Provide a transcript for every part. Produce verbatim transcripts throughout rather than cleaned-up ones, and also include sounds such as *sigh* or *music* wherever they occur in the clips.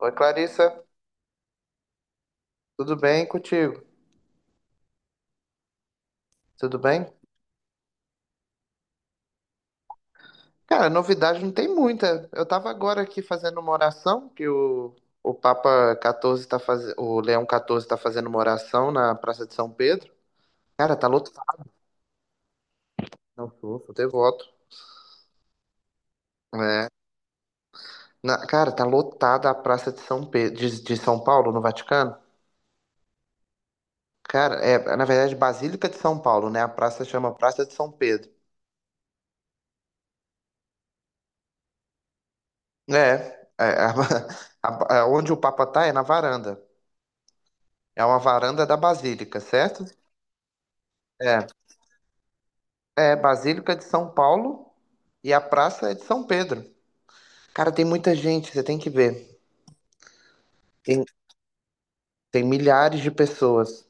Oi, Clarissa, tudo bem contigo? Tudo bem? Cara, novidade não tem muita. Eu tava agora aqui fazendo uma oração, que o, o Papa catorze tá fazendo, o Leão catorze tá fazendo uma oração na Praça de São Pedro. Cara, tá lotado. Não, sou, sou devoto. É. Na- cara, tá lotada a Praça de São Pedro, de, de São Paulo, no Vaticano. Cara, é, na verdade, Basílica de São Paulo, né? A praça chama Praça de São Pedro. É, é, a- *laughs* a- a- onde o Papa tá é na varanda. É uma varanda da Basílica, certo? É. É, Basílica de São Paulo e a praça é de São Pedro. Cara, tem muita gente, você tem que ver. Tem, tem milhares de pessoas.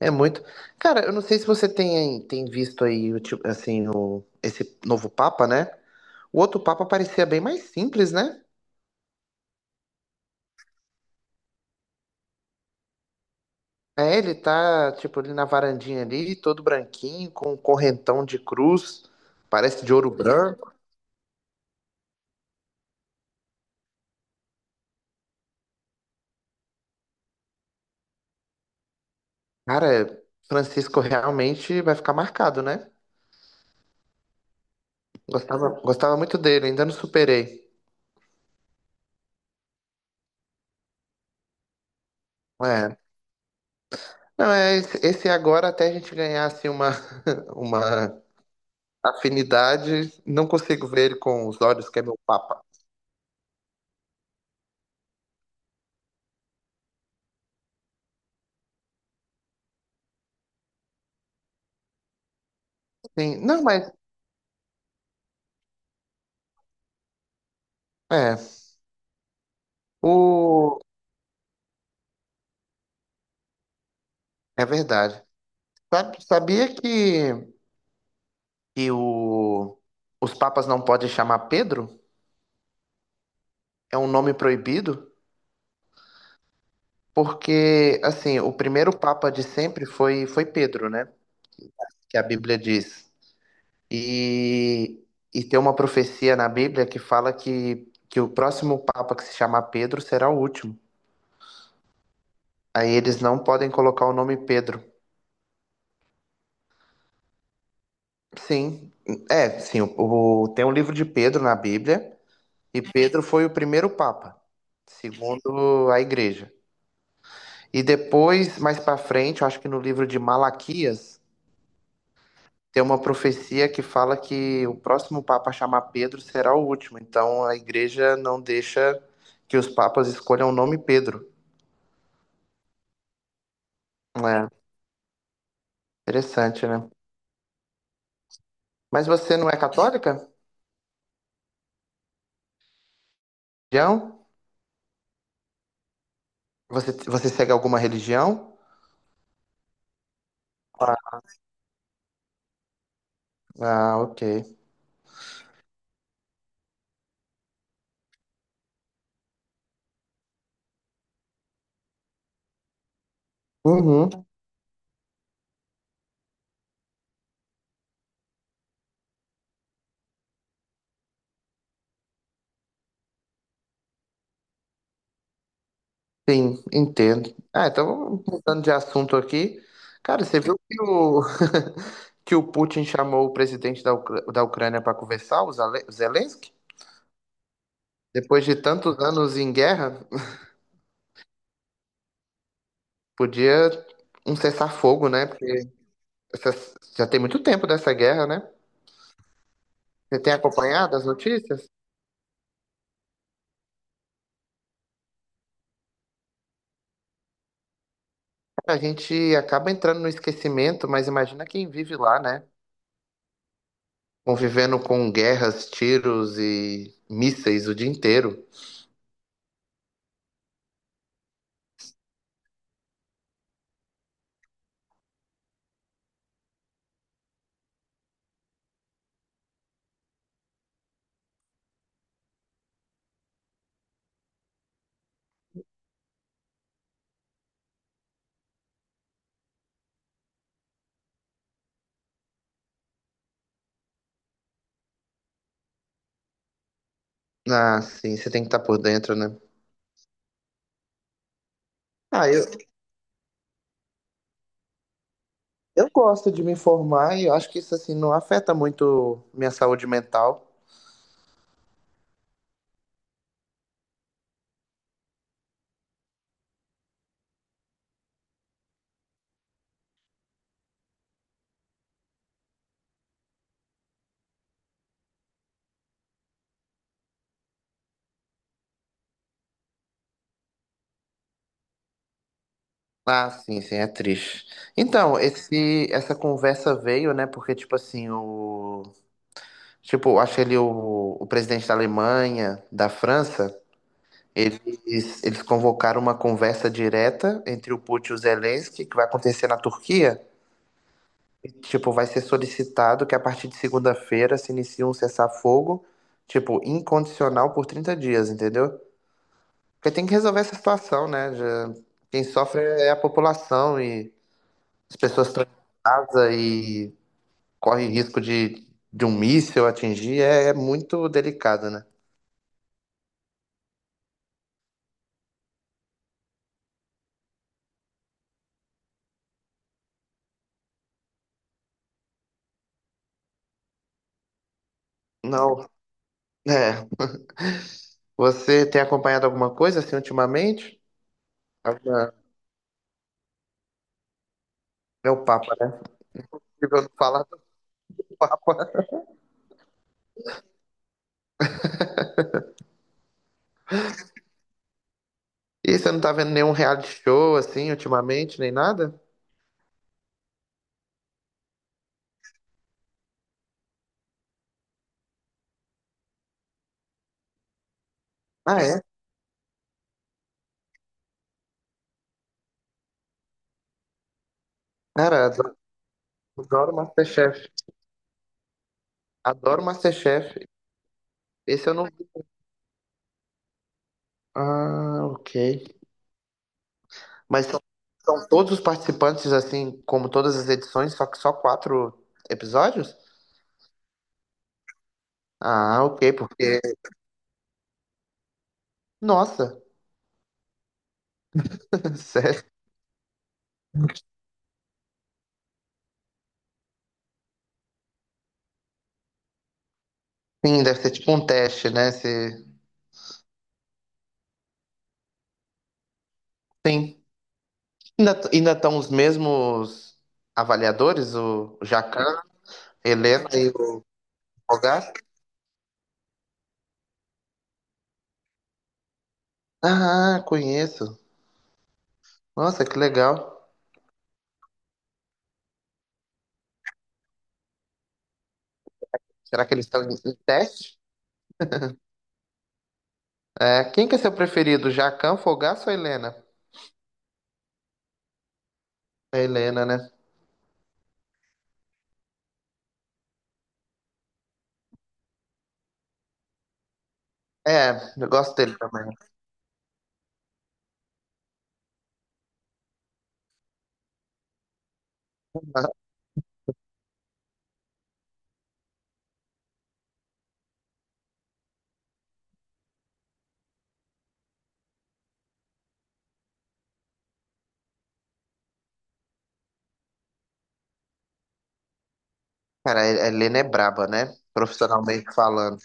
É muito. Cara, eu não sei se você tem, tem visto aí, o tipo, assim, o, esse novo Papa, né? O outro Papa parecia bem mais simples, né? É, ele tá, tipo, ali na varandinha ali, todo branquinho, com um correntão de cruz, parece de ouro branco. Cara, Francisco realmente vai ficar marcado, né? Gostava, gostava muito dele, ainda não superei. É. Não, é esse esse agora até a gente ganhar assim, uma, *laughs* uma afinidade, não consigo ver ele com os olhos que é meu papa. Sim, não, mas é. O, é verdade. Sabe- Sabia que, que o, os papas não podem chamar Pedro? É um nome proibido? Porque, assim, o primeiro papa de sempre foi, foi Pedro, né? Que a Bíblia diz. E, e tem uma profecia na Bíblia que fala que, que o próximo Papa que se chamar Pedro será o último. Aí eles não podem colocar o nome Pedro. Sim, é, sim, o, o- tem um livro de Pedro na Bíblia, e Pedro foi o primeiro Papa, segundo a Igreja. E depois, mais pra frente, eu acho que no livro de Malaquias, tem uma profecia que fala que o próximo Papa a chamar Pedro será o último. Então a Igreja não deixa que os papas escolham o nome Pedro. É, interessante, né? Mas você não é católica? Religião? Você, você segue alguma religião? Ah, ah, ok. Uhum. Sim, entendo. Ah, então, mudando de assunto aqui. Cara, você viu que o, *laughs* que o Putin chamou o presidente da, Ucra- da Ucrânia para conversar, o Zale- o Zelensky? Depois de tantos anos em guerra, podia um cessar-fogo, né? Porque essa- já tem muito tempo dessa guerra, né? Você tem acompanhado as notícias? A gente acaba entrando no esquecimento, mas imagina quem vive lá, né? Convivendo com guerras, tiros e mísseis o dia inteiro. Ah, sim, você tem que estar por dentro, né? Ah, eu, eu gosto de me informar e eu acho que isso, assim, não afeta muito minha saúde mental. Ah, sim, sim, é triste. Então, esse, essa conversa veio, né? Porque, tipo assim, o. Tipo, acho ele o, o presidente da Alemanha, da França. Eles, eles convocaram uma conversa direta entre o Putin e o Zelensky, que vai acontecer na Turquia. E, tipo, vai ser solicitado que a partir de segunda-feira se inicie um cessar-fogo, tipo, incondicional por trinta dias, entendeu? Porque tem que resolver essa situação, né? Já- quem sofre é a população e as pessoas estão em casa e correm risco de, de um míssil atingir. É, é muito delicado, né? Não, é. Você tem acompanhado alguma coisa assim ultimamente? Alguma É o Papa, né? Se eu não falar, tá fora. E você não tá vendo nenhum reality show, assim, ultimamente, nem nada? Ah, é? Cara, adoro, adoro Masterchef. Adoro Masterchef. Esse eu não vi. Ah, ok. Mas são, são todos os participantes, assim, como todas as edições, só que só quatro episódios? Ah, ok, porque. Nossa, *laughs* sério. Sim, deve ser tipo um teste, né? Se... Sim. Ainda ainda estão os mesmos avaliadores, o Jacan, Helena e o Fogaça? Ah, conheço. Nossa, que legal. Será que eles estão em em teste? É, quem que é seu preferido, Jacquin, Fogaça ou Helena? É Helena, né? É, eu gosto dele também. *laughs* Aham. Cara, a Helena é braba, né? Profissionalmente falando.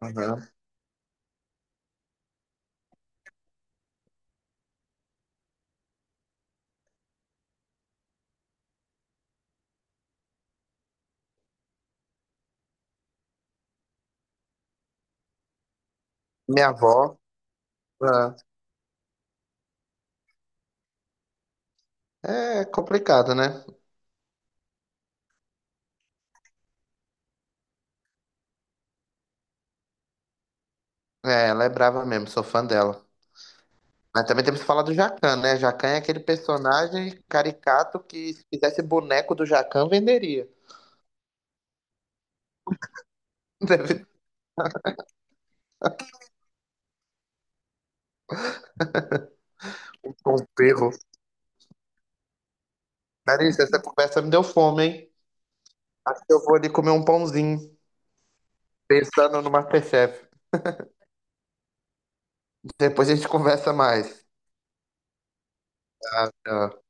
Aham. Minha avó, ah, é complicado, né? É, ela é brava mesmo, sou fã dela. Mas também temos que falar do Jacquin, né? Jacquin é aquele personagem caricato que se fizesse boneco do Jacquin, venderia. *laughs* Deve ter um perro. Larissa, essa conversa me deu fome, hein? Acho que eu vou ali comer um pãozinho, pensando no MasterChef. Depois a gente conversa mais. Tá, tchau.